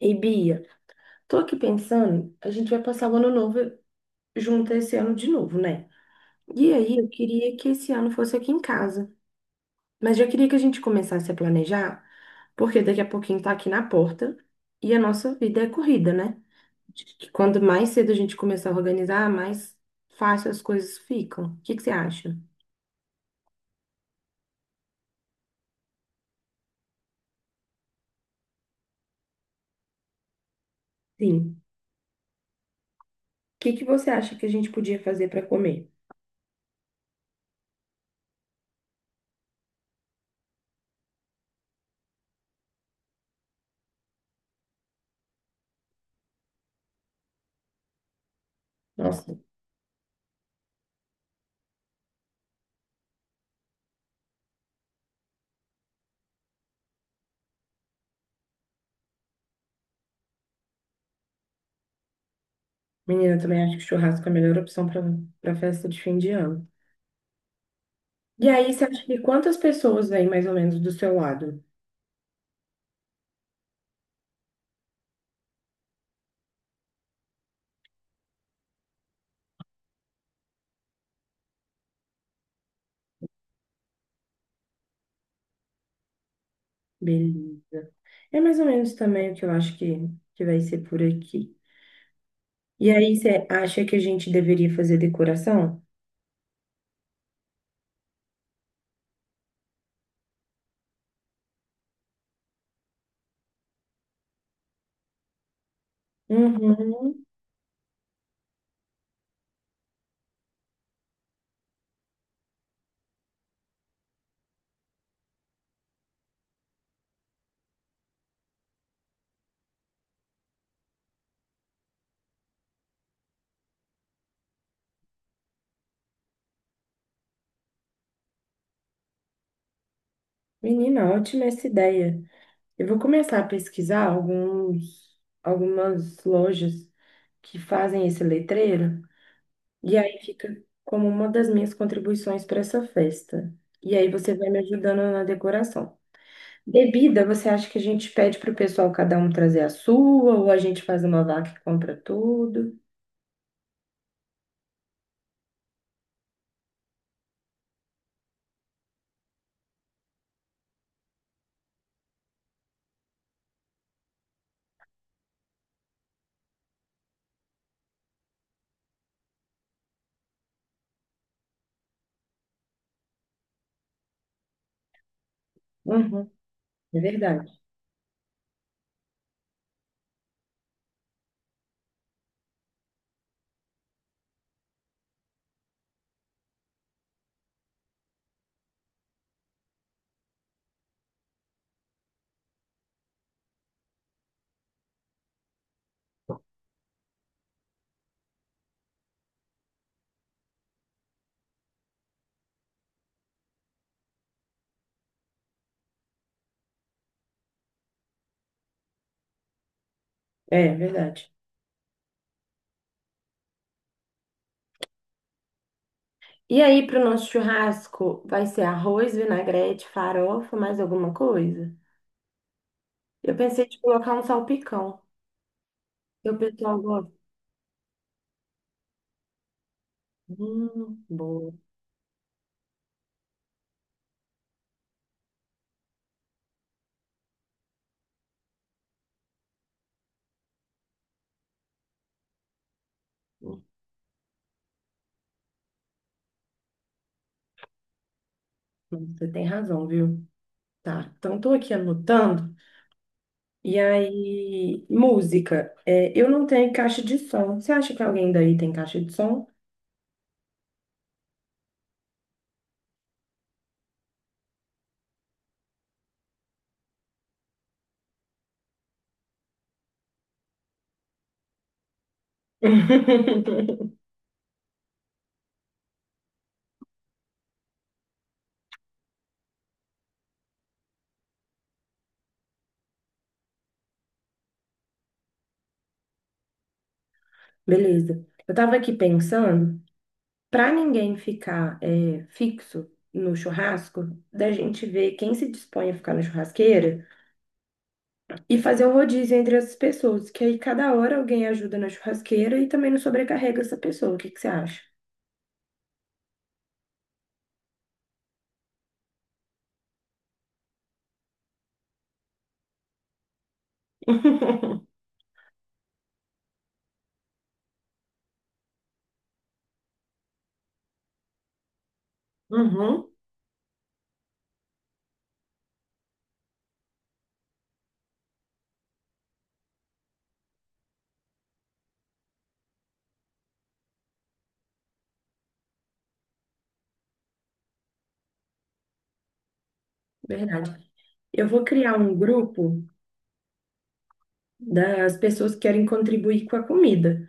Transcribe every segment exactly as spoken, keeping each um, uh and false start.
E Bia, tô aqui pensando, a gente vai passar o ano novo junto esse ano de novo, né? E aí eu queria que esse ano fosse aqui em casa, mas já queria que a gente começasse a planejar, porque daqui a pouquinho tá aqui na porta e a nossa vida é corrida, né? Acho Que Quando mais cedo a gente começar a organizar, mais fácil as coisas ficam. O que que você acha? Sim. O que que você acha que a gente podia fazer para comer? Nossa, menina, eu também acho que churrasco é a melhor opção para para festa de fim de ano. E aí, você acha que quantas pessoas vêm mais ou menos do seu lado? Beleza. É mais ou menos também o que eu acho que, que vai ser por aqui. E aí, você acha que a gente deveria fazer decoração? Uhum. Menina, ótima essa ideia. Eu vou começar a pesquisar alguns, algumas lojas que fazem esse letreiro. E aí fica como uma das minhas contribuições para essa festa. E aí você vai me ajudando na decoração. Bebida, você acha que a gente pede para o pessoal cada um trazer a sua, ou a gente faz uma vaca e compra tudo? Uhum. É verdade. É, é verdade. E aí, para o nosso churrasco, vai ser arroz, vinagrete, farofa, mais alguma coisa? Eu pensei de colocar um salpicão, que o pessoal gosta. Hum, boa. Você tem razão, viu? Tá. Então, tô aqui anotando. E aí, música. É, eu não tenho caixa de som. Você acha que alguém daí tem caixa de som? Beleza. Eu tava aqui pensando, para ninguém ficar é, fixo no churrasco, da gente ver quem se dispõe a ficar na churrasqueira e fazer um rodízio entre as pessoas, que aí cada hora alguém ajuda na churrasqueira e também não sobrecarrega essa pessoa. O que que você acha? Uhum. Verdade. Eu vou criar um grupo das pessoas que querem contribuir com a comida,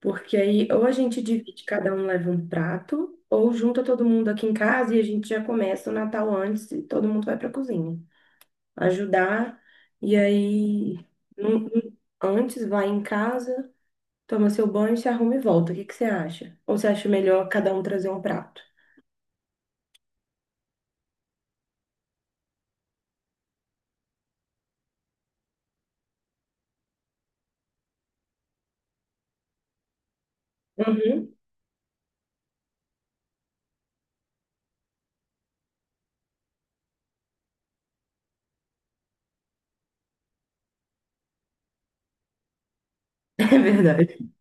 porque aí ou a gente divide, cada um leva um prato, ou junta todo mundo aqui em casa e a gente já começa o Natal antes e todo mundo vai para a cozinha ajudar. E aí, não- não- antes vai em casa, toma seu banho, se arruma e volta. O que que você acha? Ou você acha melhor cada um trazer um prato? Uhum. É verdade.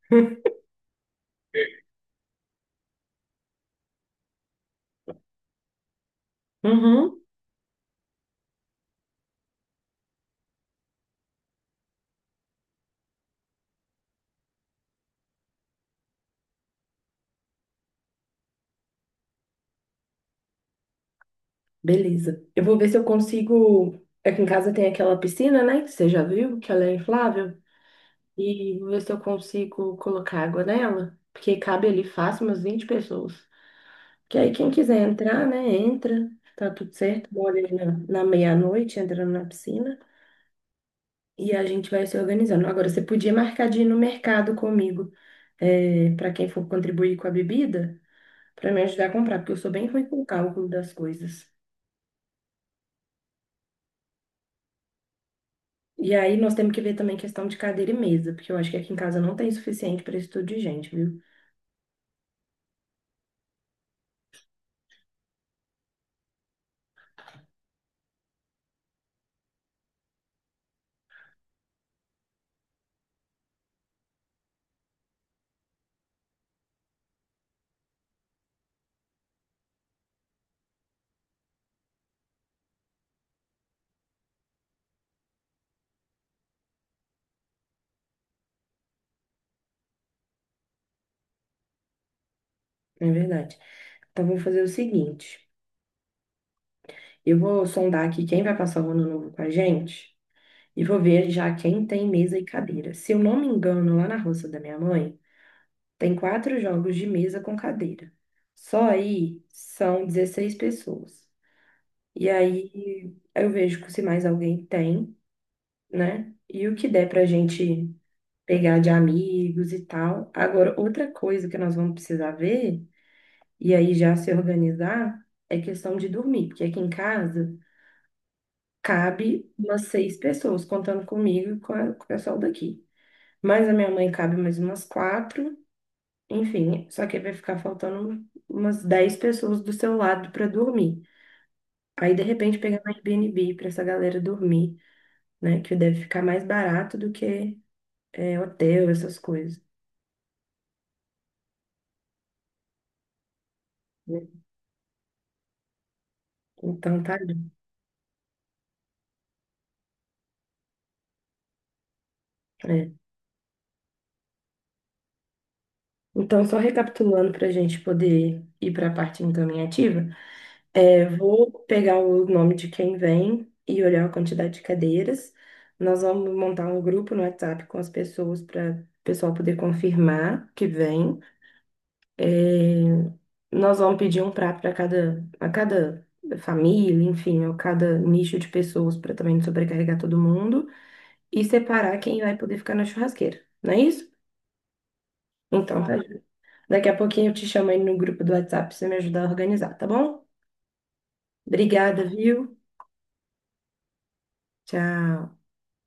Uhum. Beleza. Eu vou ver se eu consigo. Aqui em casa tem aquela piscina, né? Que você já viu, que ela é inflável. E vou ver se eu consigo colocar água nela. Porque cabe ali fácil umas vinte pessoas. Que aí quem quiser entrar, né? Entra. Tá tudo certo. Bora ali na, na meia-noite, entrando na piscina. E a gente vai se organizando. Agora, você podia marcar de ir no mercado comigo, para quem for contribuir com a bebida, para me ajudar a comprar, porque eu sou bem ruim com o cálculo das coisas. E aí nós temos que ver também questão de cadeira e mesa, porque eu acho que aqui em casa não tem suficiente para esse tudo de gente, viu? É verdade. Então, vou fazer o seguinte: eu vou sondar aqui quem vai passar o ano novo com a gente e vou ver já quem tem mesa e cadeira. Se eu não me engano, lá na roça da minha mãe tem quatro jogos de mesa com cadeira. Só aí são dezesseis pessoas. E aí eu vejo se mais alguém tem, né? E o que der pra gente pegar de amigos e tal. Agora, outra coisa que nós vamos precisar ver, e aí já se organizar, é questão de dormir, porque aqui em casa cabe umas seis pessoas, contando comigo e com a- com o pessoal daqui. Mas a minha mãe cabe mais umas quatro. Enfim, só que aí vai ficar faltando umas dez pessoas do seu lado para dormir. Aí, de repente, pegar um Airbnb para essa galera dormir, né? Que deve ficar mais barato do que é, hotel, essas coisas. Né? Então, tá ali. É. Então, só recapitulando para a gente poder ir para a parte encaminhativa, é, vou pegar o nome de quem vem e olhar a quantidade de cadeiras. Nós vamos montar um grupo no WhatsApp com as pessoas para o pessoal poder confirmar que vem. É, nós vamos pedir um prato para cada, a cada família, enfim, ou cada nicho de pessoas, para também não sobrecarregar todo mundo, e separar quem vai poder ficar na churrasqueira, não é isso? Então, tá. Daqui a pouquinho eu te chamo aí no grupo do WhatsApp para você me ajudar a organizar, tá bom? Obrigada, viu? Tchau.